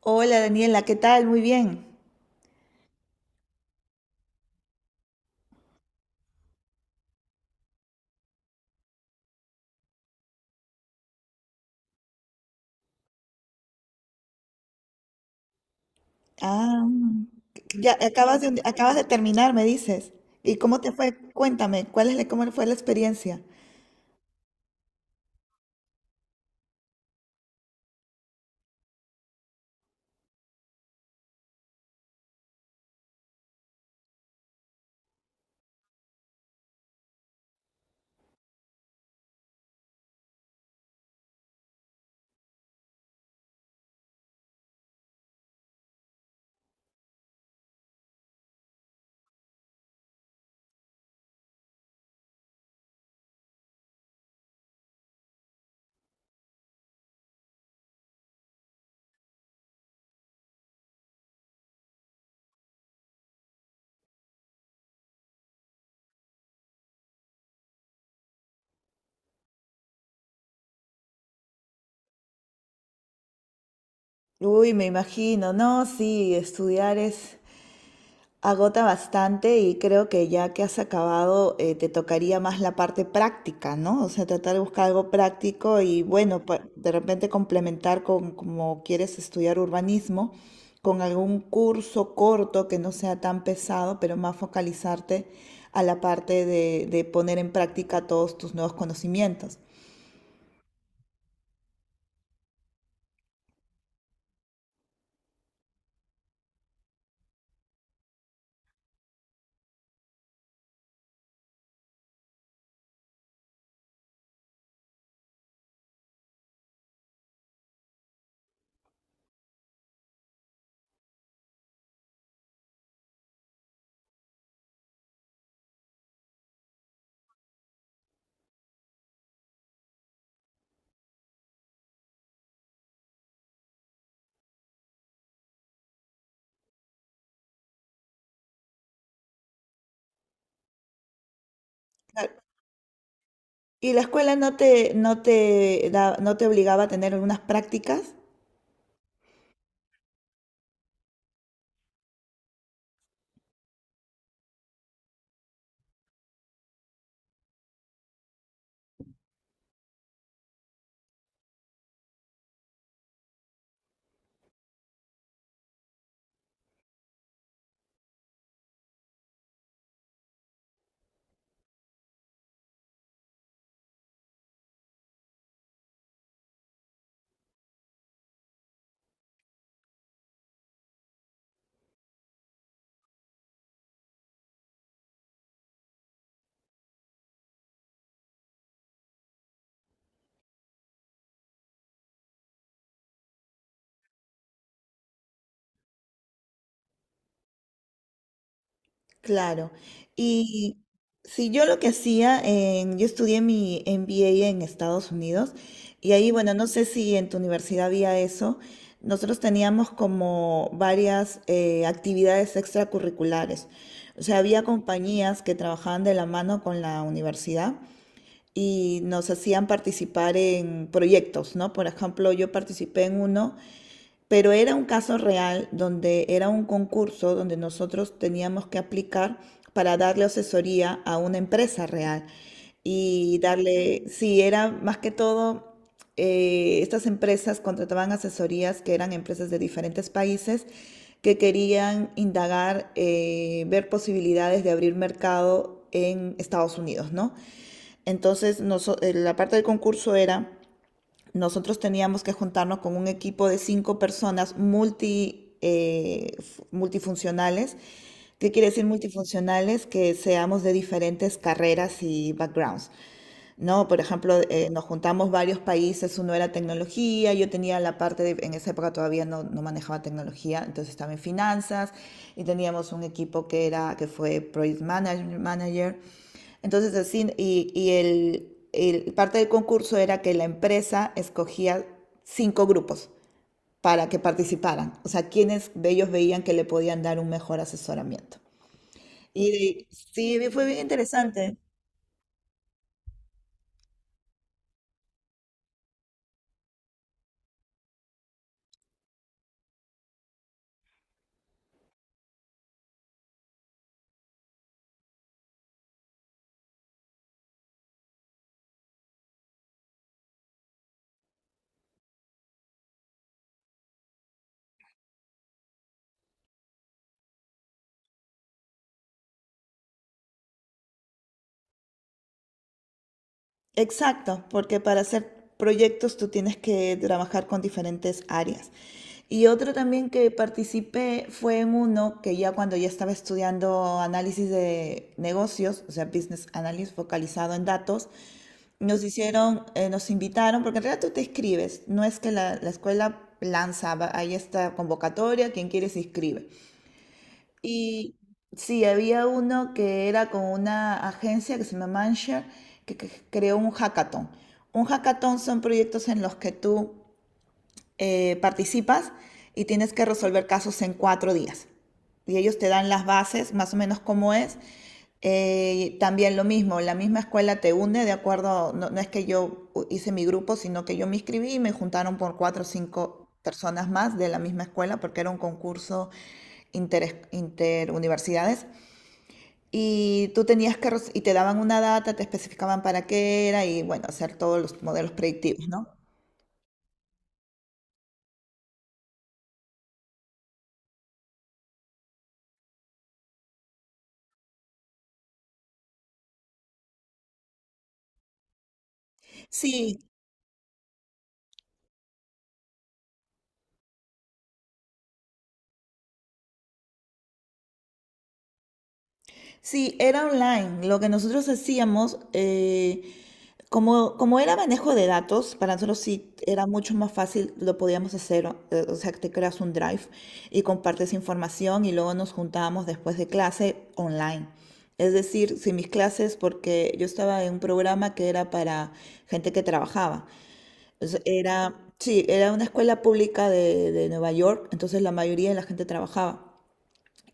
Hola Daniela, ¿qué tal? Muy bien. Ah, ya acabas de terminar, me dices. ¿Y cómo te fue? Cuéntame, ¿cuál es la- cómo fue la experiencia? Uy, me imagino, no, sí, estudiar es, agota bastante y creo que ya que has acabado, te tocaría más la parte práctica, ¿no? O sea, tratar de buscar algo práctico y bueno, pa- de repente complementar con como quieres estudiar urbanismo, con algún curso corto que no sea tan pesado, pero más focalizarte a la parte de poner en práctica todos tus nuevos conocimientos. Claro. ¿Y la escuela no te, no te da- no te obligaba a tener algunas prácticas? Claro. Y si yo lo que hacía, en- yo estudié mi MBA en Estados Unidos y ahí, bueno, no sé si en tu universidad había eso. Nosotros teníamos como varias actividades extracurriculares. O sea, había compañías que trabajaban de la mano con la universidad y nos hacían participar en proyectos, ¿no? Por ejemplo, yo participé en uno pero era un caso real donde era un concurso donde nosotros teníamos que aplicar para darle asesoría a una empresa real y darle, sí, era más que todo, estas empresas contrataban asesorías que eran empresas de diferentes países que querían indagar, ver posibilidades de abrir mercado en Estados Unidos, ¿no? Entonces, noso- la parte del concurso era nosotros teníamos que juntarnos con un equipo de cinco personas multi, multifuncionales. ¿Qué quiere decir multifuncionales? Que seamos de diferentes carreras y backgrounds, ¿no? Por ejemplo, nos juntamos varios países, uno era tecnología, yo tenía la parte de, en esa época todavía no, no manejaba tecnología, entonces estaba en finanzas y teníamos un equipo que era, que fue project manage- manager entonces, así, y parte del concurso era que la empresa escogía cinco grupos para que participaran, o sea, quienes de ellos veían que le podían dar un mejor asesoramiento. Y sí, fue bien interesante. Exacto, porque para hacer proyectos tú tienes que trabajar con diferentes áreas. Y otro también que participé fue en uno que ya cuando ya estaba estudiando análisis de negocios, o sea, business analysis focalizado en datos, nos hicieron, nos invitaron, porque en realidad tú te escribes, no es que la escuela lanza, va- hay esta convocatoria, quien quiere se inscribe. Y sí, había uno que era con una agencia que se llama Manshare, que creó un hackathon. Un hackathon son proyectos en los que tú participas y tienes que resolver casos en cuatro días. Y ellos te dan las bases, más o menos cómo es. También lo mismo, la misma escuela te une de acuerdo, no, no es que yo hice mi grupo, sino que yo me inscribí y me juntaron por cuatro o cinco personas más de la misma escuela porque era un concurso inter, interuniversidades. Y tú tenías que, y te daban una data, te especificaban para qué era y bueno, hacer todos los modelos predictivos, ¿no? Sí, sí, era online. Lo que nosotros hacíamos, como, como era manejo de datos, para nosotros sí era mucho más fácil, lo podíamos hacer, o sea, que te creas un drive y compartes información y luego nos juntábamos después de clase online. Es decir, si mis clases, porque yo estaba en un programa que era para gente que trabajaba. Entonces, era, sí, era una escuela pública de Nueva York, entonces la mayoría de la gente trabajaba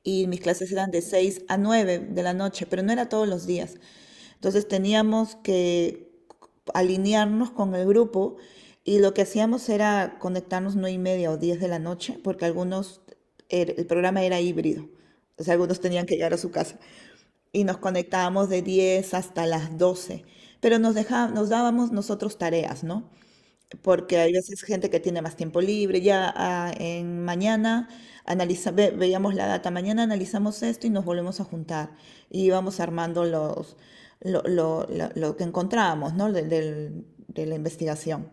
y mis clases eran de 6 a 9 de la noche, pero no era todos los días. Entonces teníamos que alinearnos con el grupo y lo que hacíamos era conectarnos 9 y media o 10 de la noche, porque algunos, el programa era híbrido, o sea, algunos tenían que llegar a su casa y nos conectábamos de 10 hasta las doce, pero nos dejábamos, nos dábamos nosotros tareas, ¿no? Porque hay veces gente que tiene más tiempo libre, ya ah, en mañana analiza, ve- veíamos la data, mañana analizamos esto y nos volvemos a juntar y vamos armando los, lo que encontramos, ¿no? De la investigación.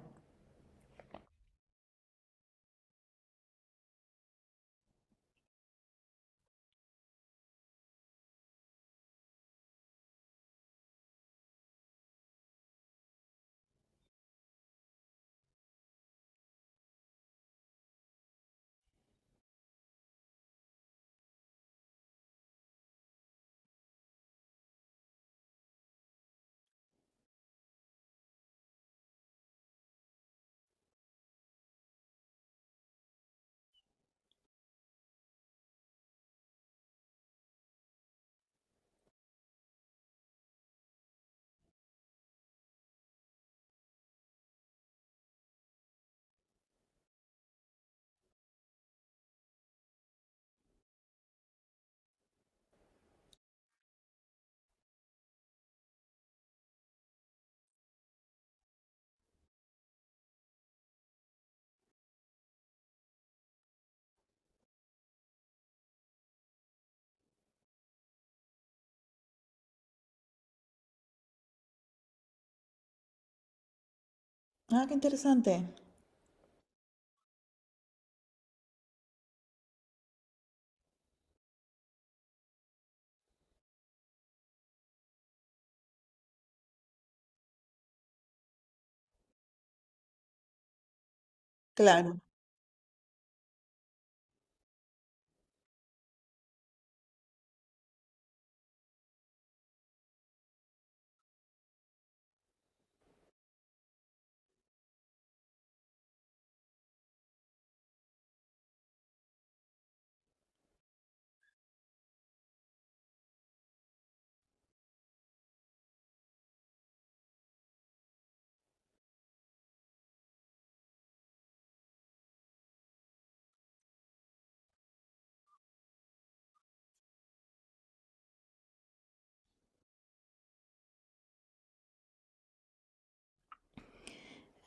Ah, qué interesante. Claro.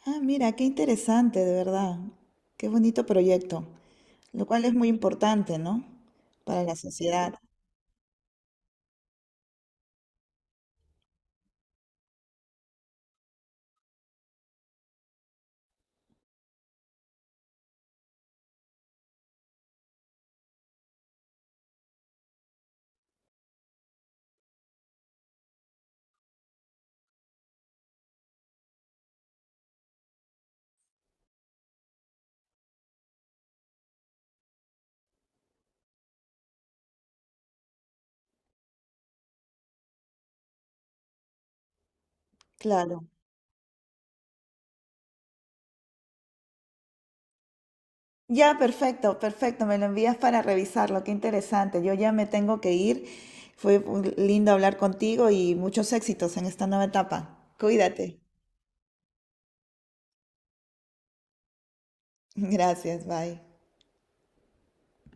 Ah, mira, qué interesante, de verdad. Qué bonito proyecto, lo cual es muy importante, ¿no? Para la sociedad. Claro. Ya, perfecto, perfecto. Me lo envías para revisarlo. Qué interesante. Yo ya me tengo que ir. Fue un- lindo hablar contigo y muchos éxitos en esta nueva etapa. Cuídate. Gracias, bye.